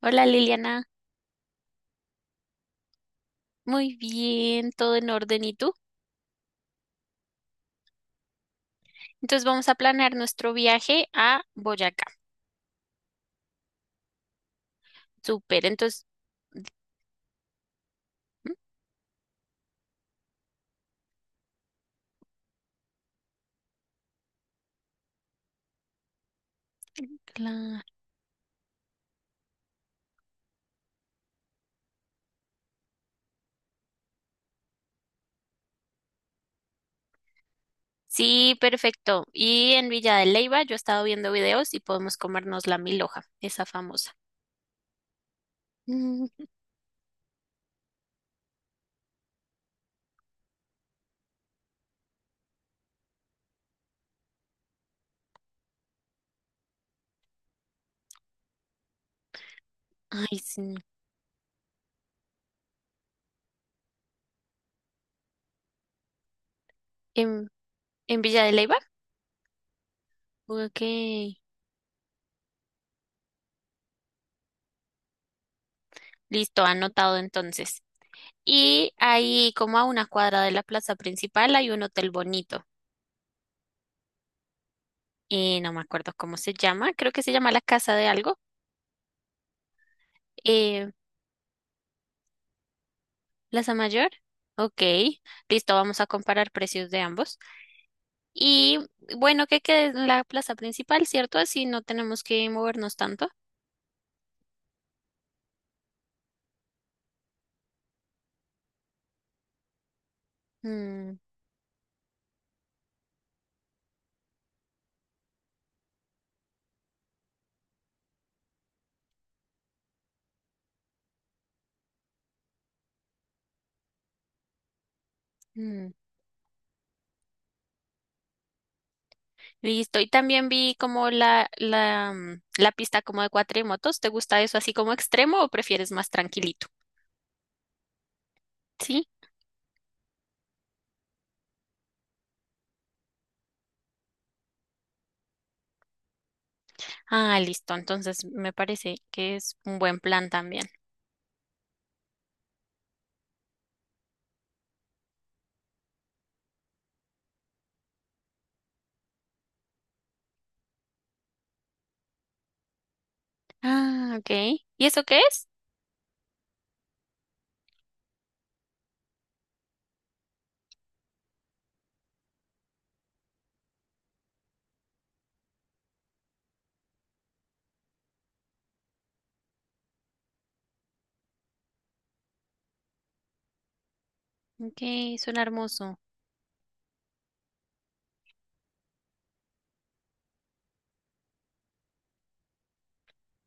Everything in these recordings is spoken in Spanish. Hola Liliana, muy bien, todo en orden. ¿Y tú? Entonces vamos a planear nuestro viaje a Boyacá. Súper, entonces, ¿Mm? Claro. Sí, perfecto. Y en Villa de Leyva yo he estado viendo videos y podemos comernos la milhoja, esa famosa. Mm, ay, sí. ¿En, en Villa de Leyva? Ok, listo, anotado entonces. Y ahí, como a una cuadra de la plaza principal, hay un hotel bonito. No me acuerdo cómo se llama. Creo que se llama la Casa de algo. Eh, Plaza Mayor. Ok, listo, vamos a comparar precios de ambos. Y bueno, que quede en la plaza principal, ¿cierto? Así no tenemos que movernos tanto. Mm, mm, Listo. Y también vi como la pista como de cuatrimotos. ¿Te gusta eso así como extremo o prefieres más tranquilito? Sí. Ah, listo. Entonces me parece que es un buen plan también. Ah, ok. ¿Y eso qué es? Ok, suena hermoso.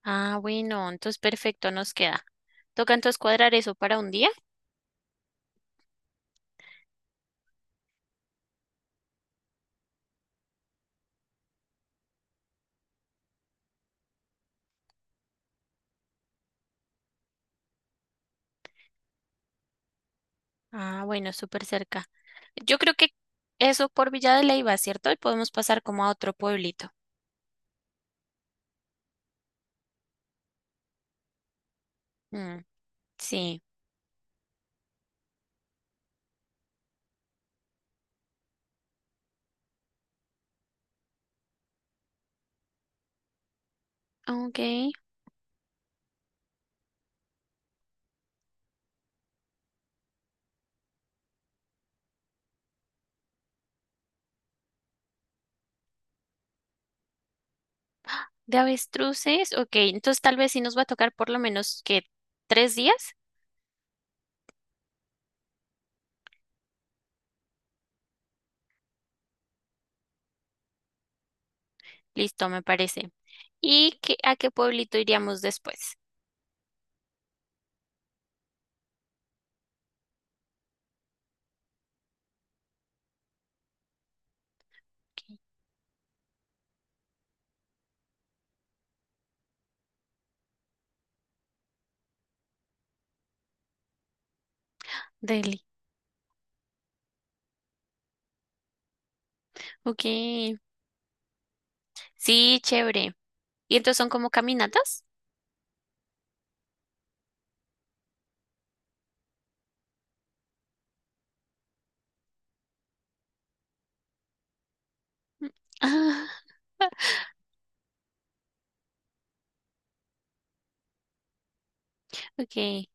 Ah, bueno, entonces perfecto, nos queda. Toca entonces cuadrar eso para un día. Ah, bueno, súper cerca. Yo creo que eso por Villa de Leyva, ¿cierto? Y podemos pasar como a otro pueblito. Mm, sí. Ok. ¿De avestruces? Ok, entonces tal vez sí nos va a tocar por lo menos que tres días. Listo, me parece. ¿Y qué, a qué pueblito iríamos después? Ok. Delhi. Ok. Sí, chévere. ¿Y entonces son como caminatas? Mm. Ah, ok.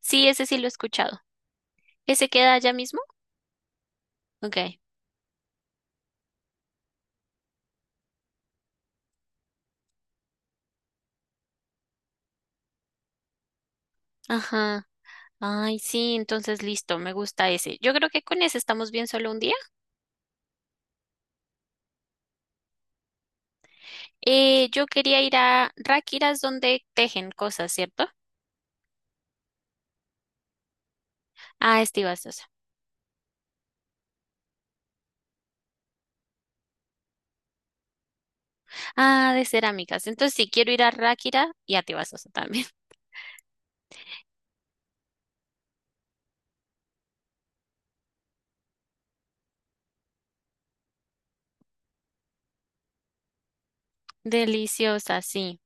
Sí, ese sí lo he escuchado. ¿Ese queda allá mismo? Ok. Ajá. Ay, sí, entonces listo, me gusta ese. Yo creo que con ese estamos bien solo un día. Yo quería ir a Ráquiras donde tejen cosas, ¿cierto? Ah, es Tibasosa. Ah, de cerámicas. Entonces sí, quiero ir a Ráquira y a Tibasosa también. Deliciosa, sí.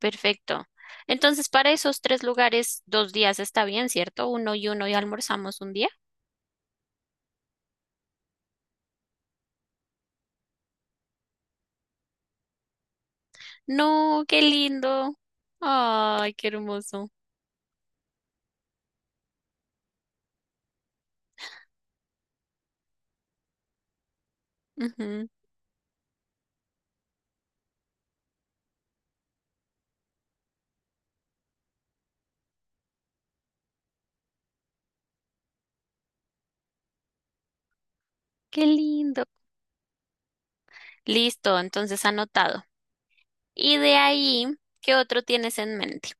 Perfecto. Entonces, para esos tres lugares, dos días está bien, ¿cierto? Uno y uno y almorzamos un día. No, qué lindo. Ay, qué hermoso. Ujú, qué lindo. Listo, entonces anotado. Y de ahí, ¿qué otro tienes en mente?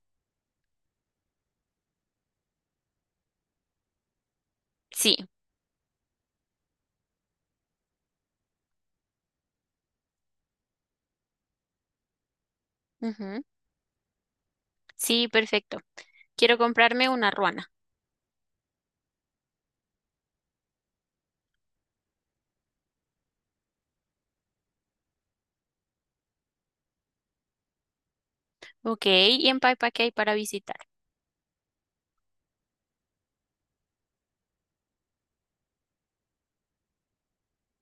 Sí. Ujú, sí, perfecto. Quiero comprarme una ruana. Ok, y en Paipa, ¿qué hay para visitar?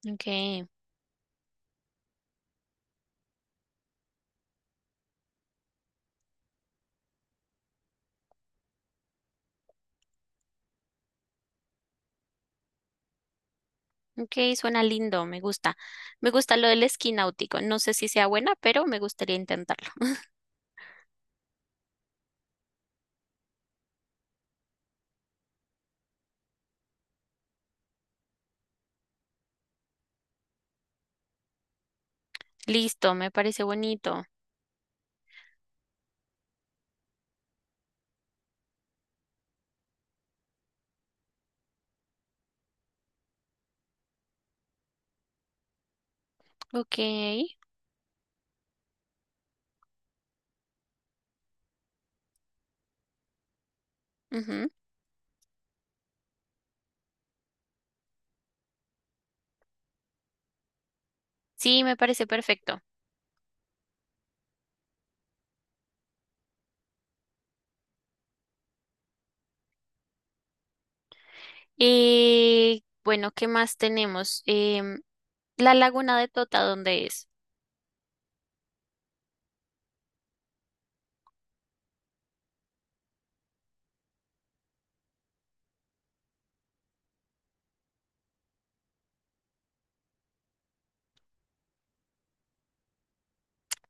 Ok, ok, suena lindo, me gusta. Me gusta lo del esquí náutico. No sé si sea buena, pero me gustaría intentarlo. Listo, me parece bonito. Ok. Ujú. Sí, me parece perfecto. Bueno, ¿qué más tenemos? La laguna de Tota, ¿dónde es?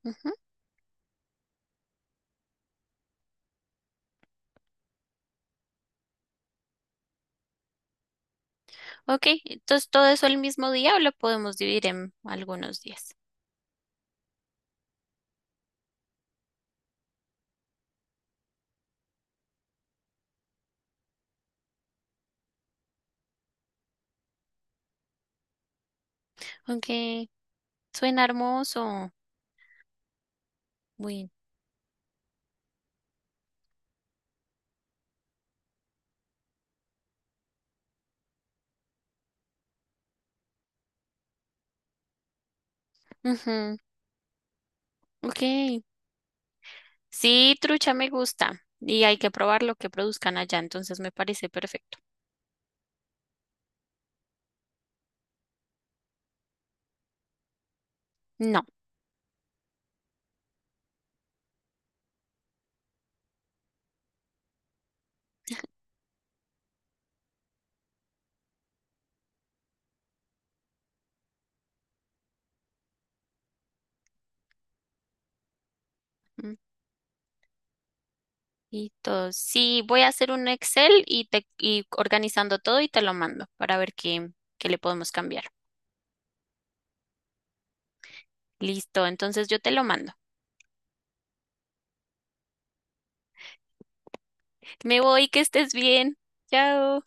Ujú. Ok, entonces todo eso el mismo día o lo podemos dividir en algunos días. Ok, suena hermoso. Bueno. Ujú, ok. Sí, trucha me gusta. Y hay que probar lo que produzcan allá, entonces me parece perfecto. No. Listo. Sí, voy a hacer un Excel y te y organizando todo y te lo mando para ver qué, qué le podemos cambiar. Listo, entonces yo te lo mando. Me voy, que estés bien. Chao.